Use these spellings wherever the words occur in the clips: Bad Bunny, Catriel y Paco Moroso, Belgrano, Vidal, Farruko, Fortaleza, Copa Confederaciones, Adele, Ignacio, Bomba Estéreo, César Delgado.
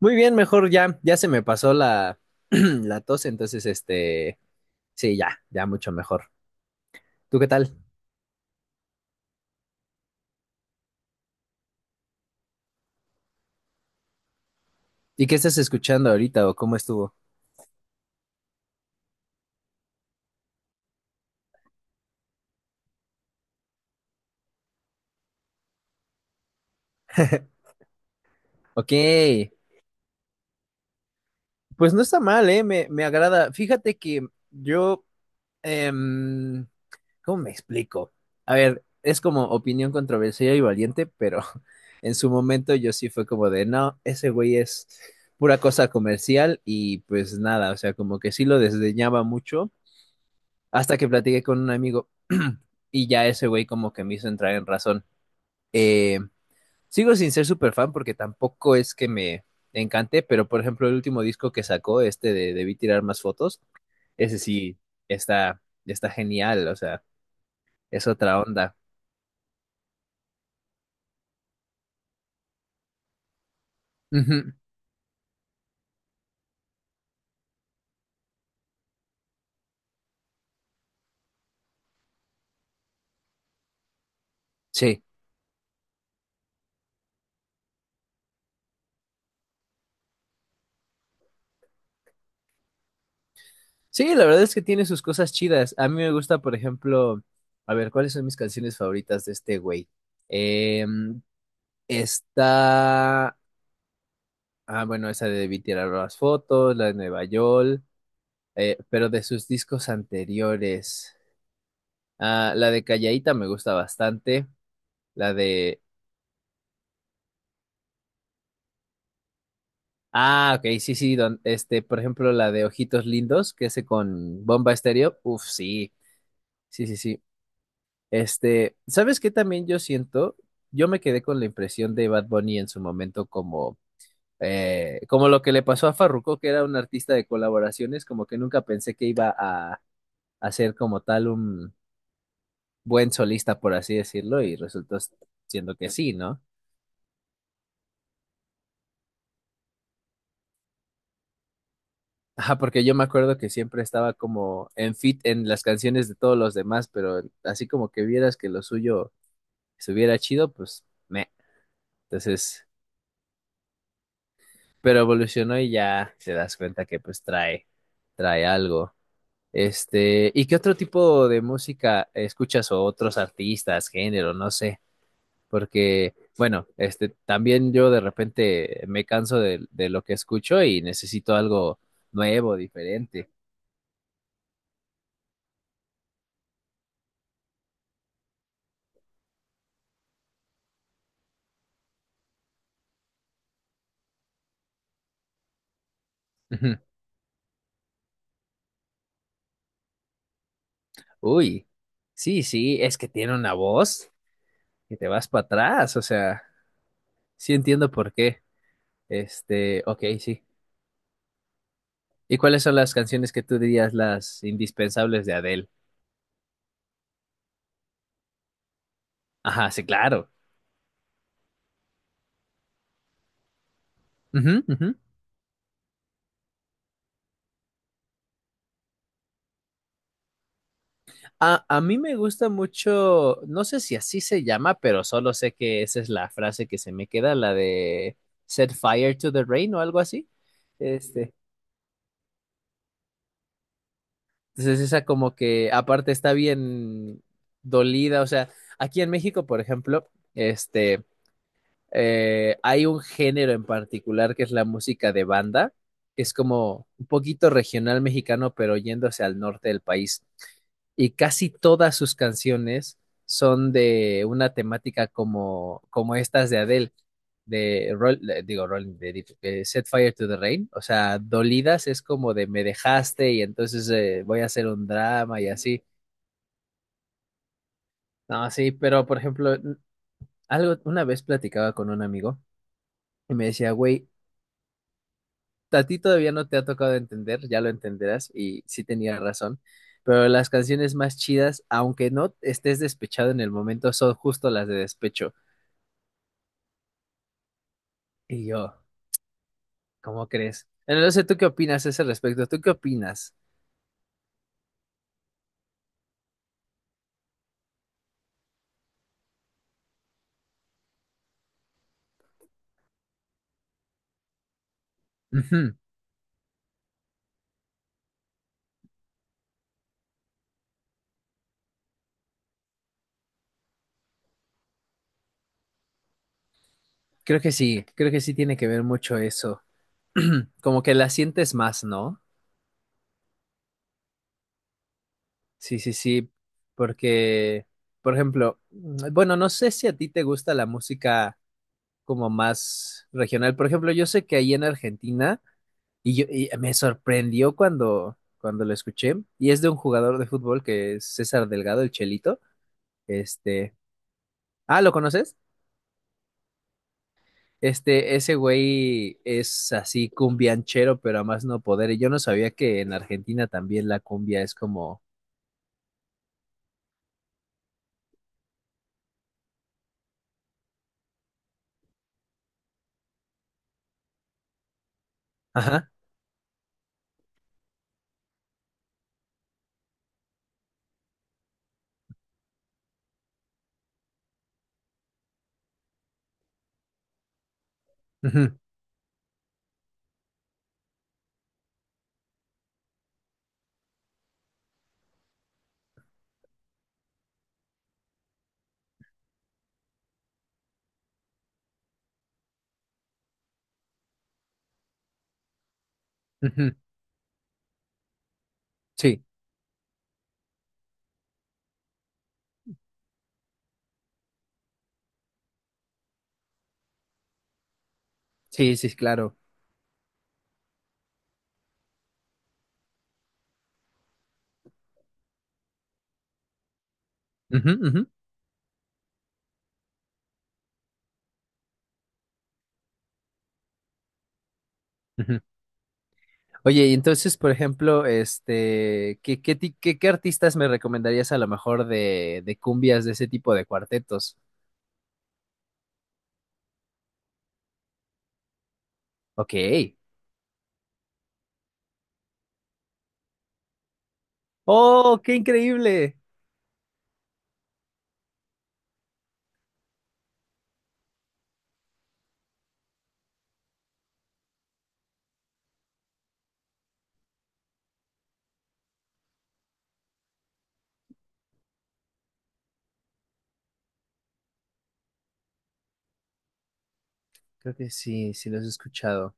Muy bien, mejor ya se me pasó la tos, entonces este, sí, ya mucho mejor. ¿Tú qué tal? ¿Y qué estás escuchando ahorita o cómo estuvo? Ok, pues no está mal, ¿eh? Me agrada. Fíjate que yo, em, ¿cómo me explico? A ver, es como opinión controversial y valiente, pero en su momento yo sí fue como de, no, ese güey es pura cosa comercial y pues nada, o sea, como que sí lo desdeñaba mucho hasta que platiqué con un amigo y ya ese güey como que me hizo entrar en razón. Eh, sigo sin ser súper fan porque tampoco es que me encante, pero por ejemplo el último disco que sacó, este de Debí Tirar Más Fotos, ese sí está genial, o sea, es otra onda. Ujú, sí, sí, la verdad es que tiene sus cosas chidas. A mí me gusta, por ejemplo, a ver, ¿cuáles son mis canciones favoritas de este güey? Em, está. Ah, bueno, esa de Debí Tirar las Fotos, la de Nueva York, pero de sus discos anteriores. Ah, la de Callaíta me gusta bastante. La de. Ah, ok, sí, sí, este, por ejemplo, la de Ojitos Lindos, que hace con Bomba Estéreo. Uf, sí, sí, sí, sí. Este, ¿sabes qué también yo siento? Yo me quedé con la impresión de Bad Bunny en su momento como. Como lo que le pasó a Farruko, que era un artista de colaboraciones, como que nunca pensé que iba a hacer como tal buen solista, por así decirlo, y resultó siendo que sí, ¿no? Ajá, porque yo me acuerdo que siempre estaba como en fit en las canciones de todos los demás, pero así como que vieras que lo suyo estuviera chido, pues me. Entonces, pero evolucionó y ya te das cuenta que pues trae algo. Este, ¿y qué otro tipo de música escuchas o otros artistas, género, no sé? Porque, bueno, este, también yo de repente me canso de lo que escucho y necesito algo nuevo, diferente. Ujú. Uy, sí, sí, es que tiene una voz que te vas para atrás, o sea, sí entiendo por qué. Este, ok, sí. ¿Y cuáles son las canciones que tú dirías las indispensables de Adele? Ajá, sí, claro. Ujú, ujú. A mí me gusta mucho, no sé si así se llama, pero solo sé que esa es la frase que se me queda, la de Set Fire to the Rain o algo así. Este, entonces esa como que aparte está bien dolida, o sea, aquí en México, por ejemplo, este, hay un género en particular que es la música de banda, que es como un poquito regional mexicano, pero yéndose al norte del país. Y casi todas sus canciones son de una temática como, como estas de Adele, de, Rolling, de Set Fire to the Rain, o sea, dolidas, es como de me dejaste y entonces voy a hacer un drama y así. No, sí, pero por ejemplo, algo, una vez platicaba con un amigo y me decía, güey, a ti todavía no te ha tocado entender, ya lo entenderás, y sí tenía razón, pero las canciones más chidas, aunque no estés despechado en el momento, son justo las de despecho. Y yo, ¿cómo crees? Bueno, no sé, ¿tú qué opinas a ese respecto? ¿Tú qué opinas? Ujú, creo que sí, creo que sí tiene que ver mucho eso. Como que la sientes más, ¿no? Sí, sí, sí, porque, por ejemplo, bueno, no sé si a ti te gusta la música como más regional. Por ejemplo, yo sé que ahí en Argentina. Y, yo, y me sorprendió cuando lo escuché. Y es de un jugador de fútbol que es César Delgado, el Chelito. Este. Ah, ¿lo conoces? Este, ese güey es así cumbianchero, pero a más no poder. Y yo no sabía que en Argentina también la cumbia es como. Ajá. Ujú, ujú, sí, sí, sí, claro. Ujú, ujú, ujú. Oye, y entonces, por ejemplo, este, ¿qué artistas me recomendarías a lo mejor de cumbias de ese tipo de cuartetos? Ok. ¡Oh, qué increíble! Creo que sí, sí los he escuchado.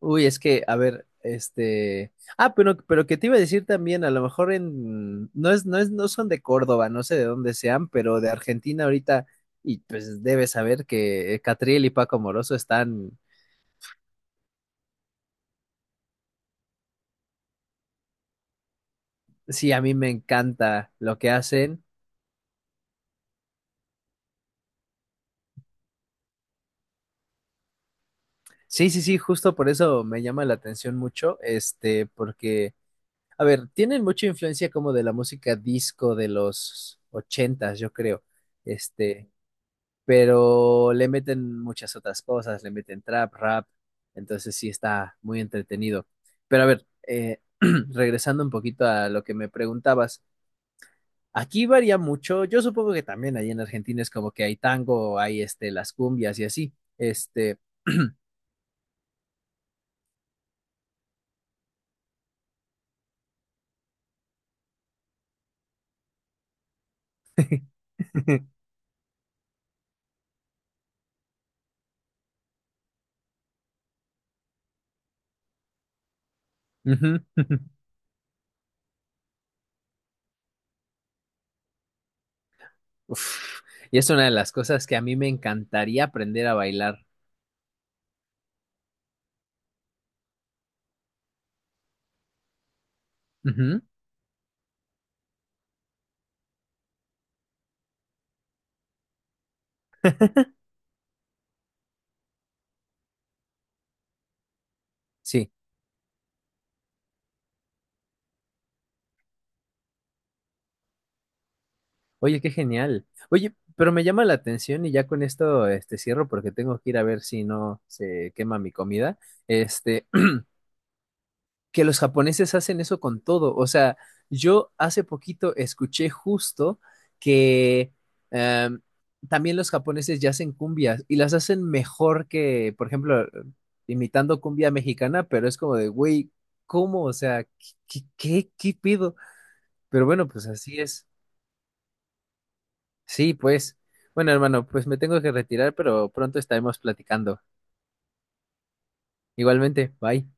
Uy, es que, a ver, este. Ah, pero que te iba a decir también, a lo mejor en. No son de Córdoba, no sé de dónde sean, pero de Argentina ahorita, y pues debes saber que Catriel y Paco Moroso están. Sí, a mí me encanta lo que hacen. Sí, sí, sí, justo por eso me llama la atención mucho, este, porque. A ver, tienen mucha influencia como de la música disco de los ochentas, yo creo. Este, pero le meten muchas otras cosas, le meten trap, rap, entonces sí está muy entretenido. Pero a ver, regresando un poquito a lo que me preguntabas, aquí varía mucho, yo supongo que también ahí en Argentina es como que hay tango, hay este, las cumbias y así. Este, ujú, uf, y es una de las cosas que a mí me encantaría aprender a bailar. Ujú. Sí, oye, qué genial. Oye, pero me llama la atención y ya con esto este, cierro porque tengo que ir a ver si no se quema mi comida. Este, que los japoneses hacen eso con todo. O sea, yo hace poquito escuché justo que em, también los japoneses ya hacen cumbias y las hacen mejor que, por ejemplo, imitando cumbia mexicana, pero es como de, güey, ¿cómo? O sea, ¿qué qué pido? Pero bueno, pues así es. Sí, pues. Bueno, hermano, pues me tengo que retirar, pero pronto estaremos platicando. Igualmente, bye.